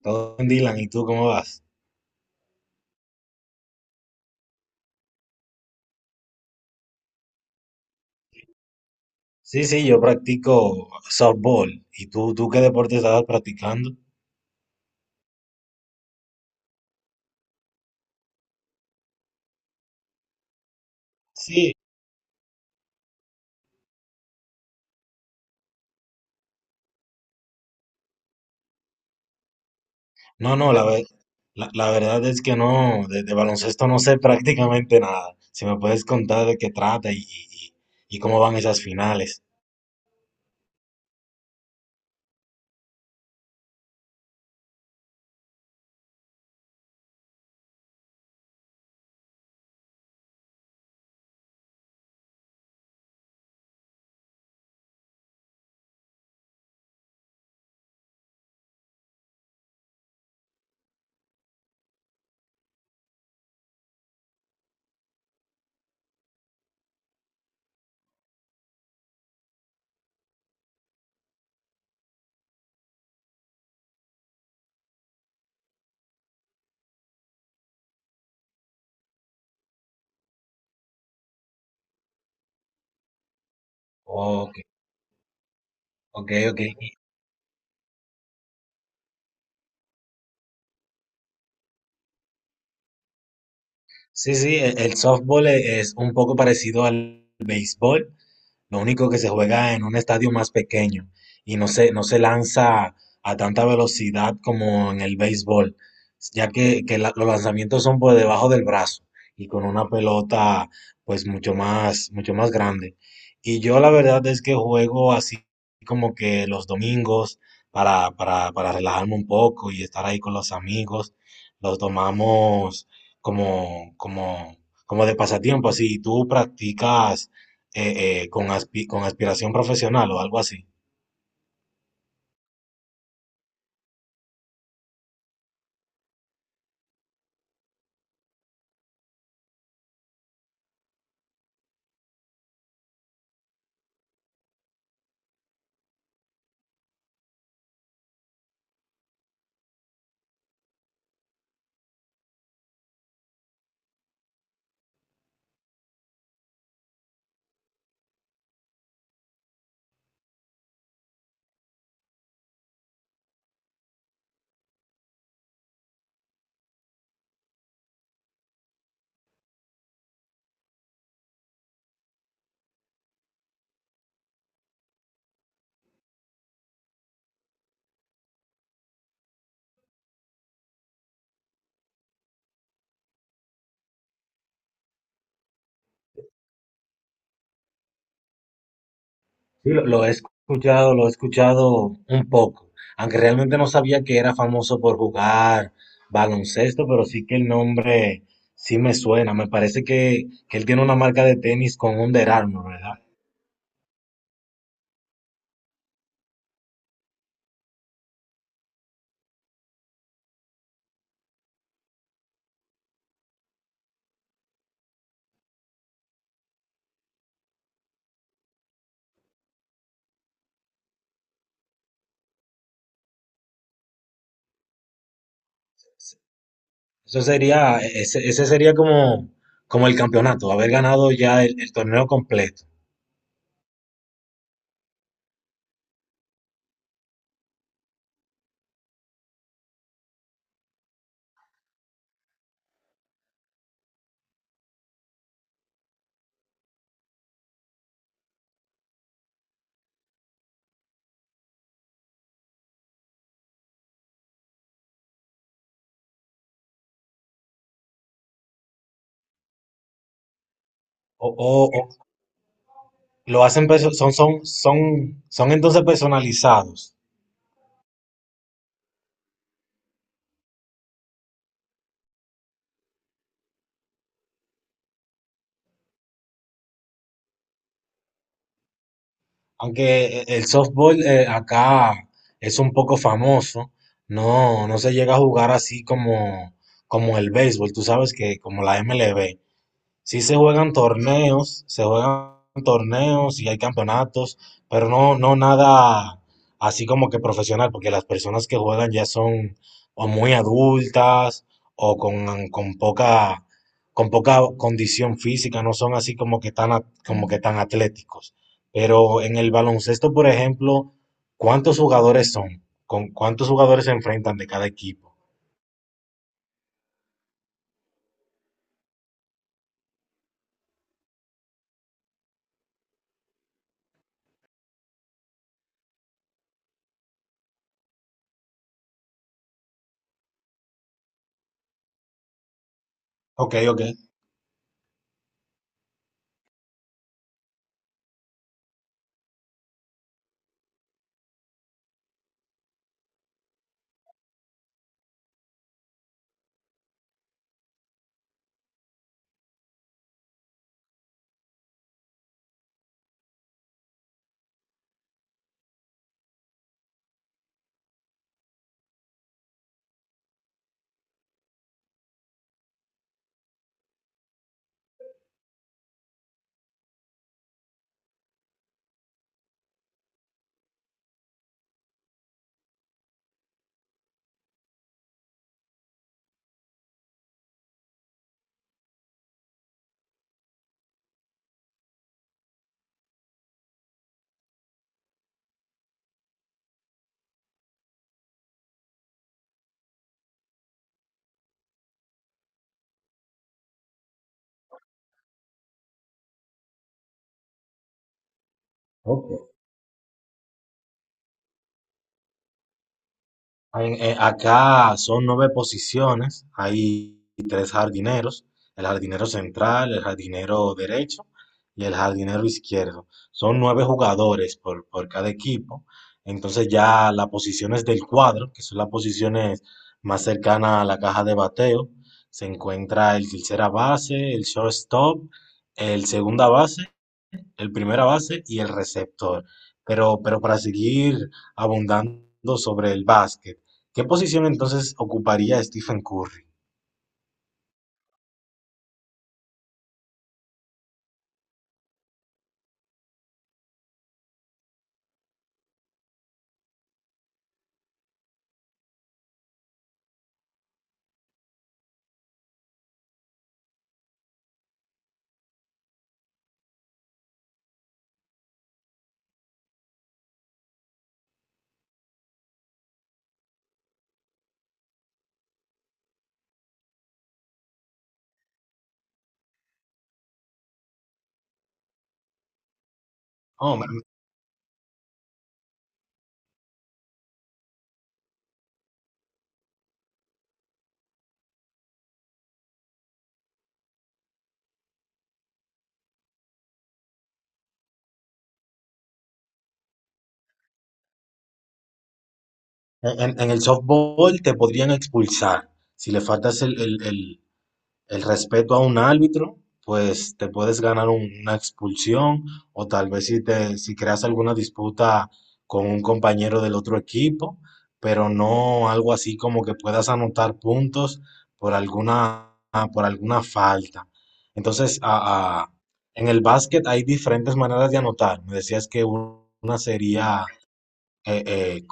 Todo bien, Dylan, ¿y tú cómo vas? Sí, sí, yo practico softball. ¿Y tú qué deporte estabas practicando? Sí. No, no, la verdad es que no, de baloncesto no sé prácticamente nada. Si me puedes contar de qué trata y cómo van esas finales. Ok, ok, ok. Sí, sí, el softball es un poco parecido al béisbol. Lo único que se juega en un estadio más pequeño y no se lanza a tanta velocidad como en el béisbol, ya que los lanzamientos son por debajo del brazo y con una pelota pues mucho más grande. Y yo la verdad es que juego así como que los domingos para relajarme un poco y estar ahí con los amigos. Los tomamos como, como, como de pasatiempo, así. ¿Tú practicas con aspiración profesional o algo así? Sí, lo he escuchado, lo he escuchado un poco, aunque realmente no sabía que era famoso por jugar baloncesto, pero sí que el nombre sí me suena. Me parece que él tiene una marca de tenis con Under Armour, ¿verdad? Eso sería, ese sería como, como el campeonato, haber ganado ya el torneo completo. O, o lo hacen, son entonces personalizados. Aunque el softball acá es un poco famoso, no, no se llega a jugar así como el béisbol, tú sabes que como la MLB. Sí se juegan torneos y hay campeonatos, pero no, no nada así como que profesional, porque las personas que juegan ya son o muy adultas o con poca condición física, no son así como que tan, como que tan atléticos. Pero en el baloncesto, por ejemplo, ¿cuántos jugadores son? ¿Con cuántos jugadores se enfrentan de cada equipo? Ok, ok. Ok. Acá son nueve posiciones, hay tres jardineros, el jardinero central, el jardinero derecho y el jardinero izquierdo. Son nueve jugadores por cada equipo, entonces ya las posiciones del cuadro, que son las posiciones más cercanas a la caja de bateo, se encuentra el tercera base, el shortstop, el segunda base, el primera base y el receptor. Pero para seguir abundando sobre el básquet, ¿qué posición entonces ocuparía Stephen Curry? Oh, en el softball te podrían expulsar si le faltas el respeto a un árbitro, pues te puedes ganar una expulsión o tal vez si creas alguna disputa con un compañero del otro equipo, pero no algo así como que puedas anotar puntos por alguna, por alguna falta. Entonces, en el básquet hay diferentes maneras de anotar. Me decías que una sería eh, eh,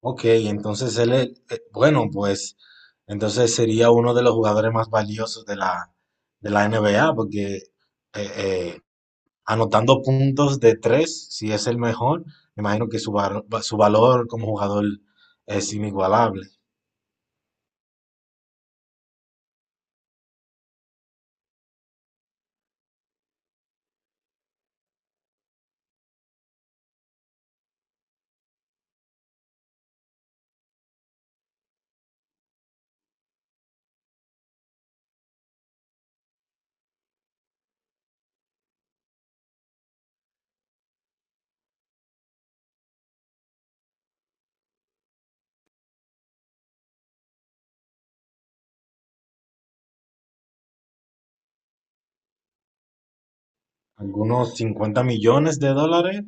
Ok, entonces él es, bueno, pues entonces sería uno de los jugadores más valiosos de la, NBA, porque eh, anotando puntos de tres, si es el mejor, me imagino que su valor como jugador es inigualable. Algunos 50 millones de dólares.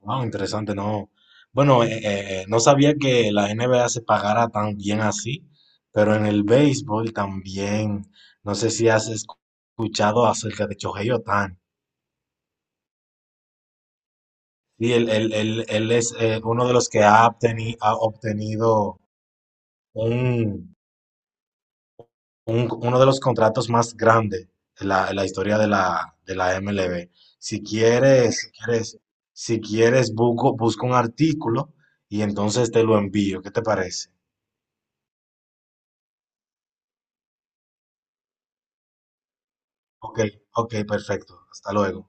Wow, interesante, no. Bueno, no sabía que la NBA se pagara tan bien así, pero en el béisbol también. No sé si has escuchado acerca de Shohei Ohtani. Sí, él es uno de los que ha obtenido un, uno de los contratos más grandes en la, historia de la MLB. Si quieres, si quieres, si quieres, busco un artículo y entonces te lo envío. ¿Qué te parece? Ok, ok, perfecto. Hasta luego.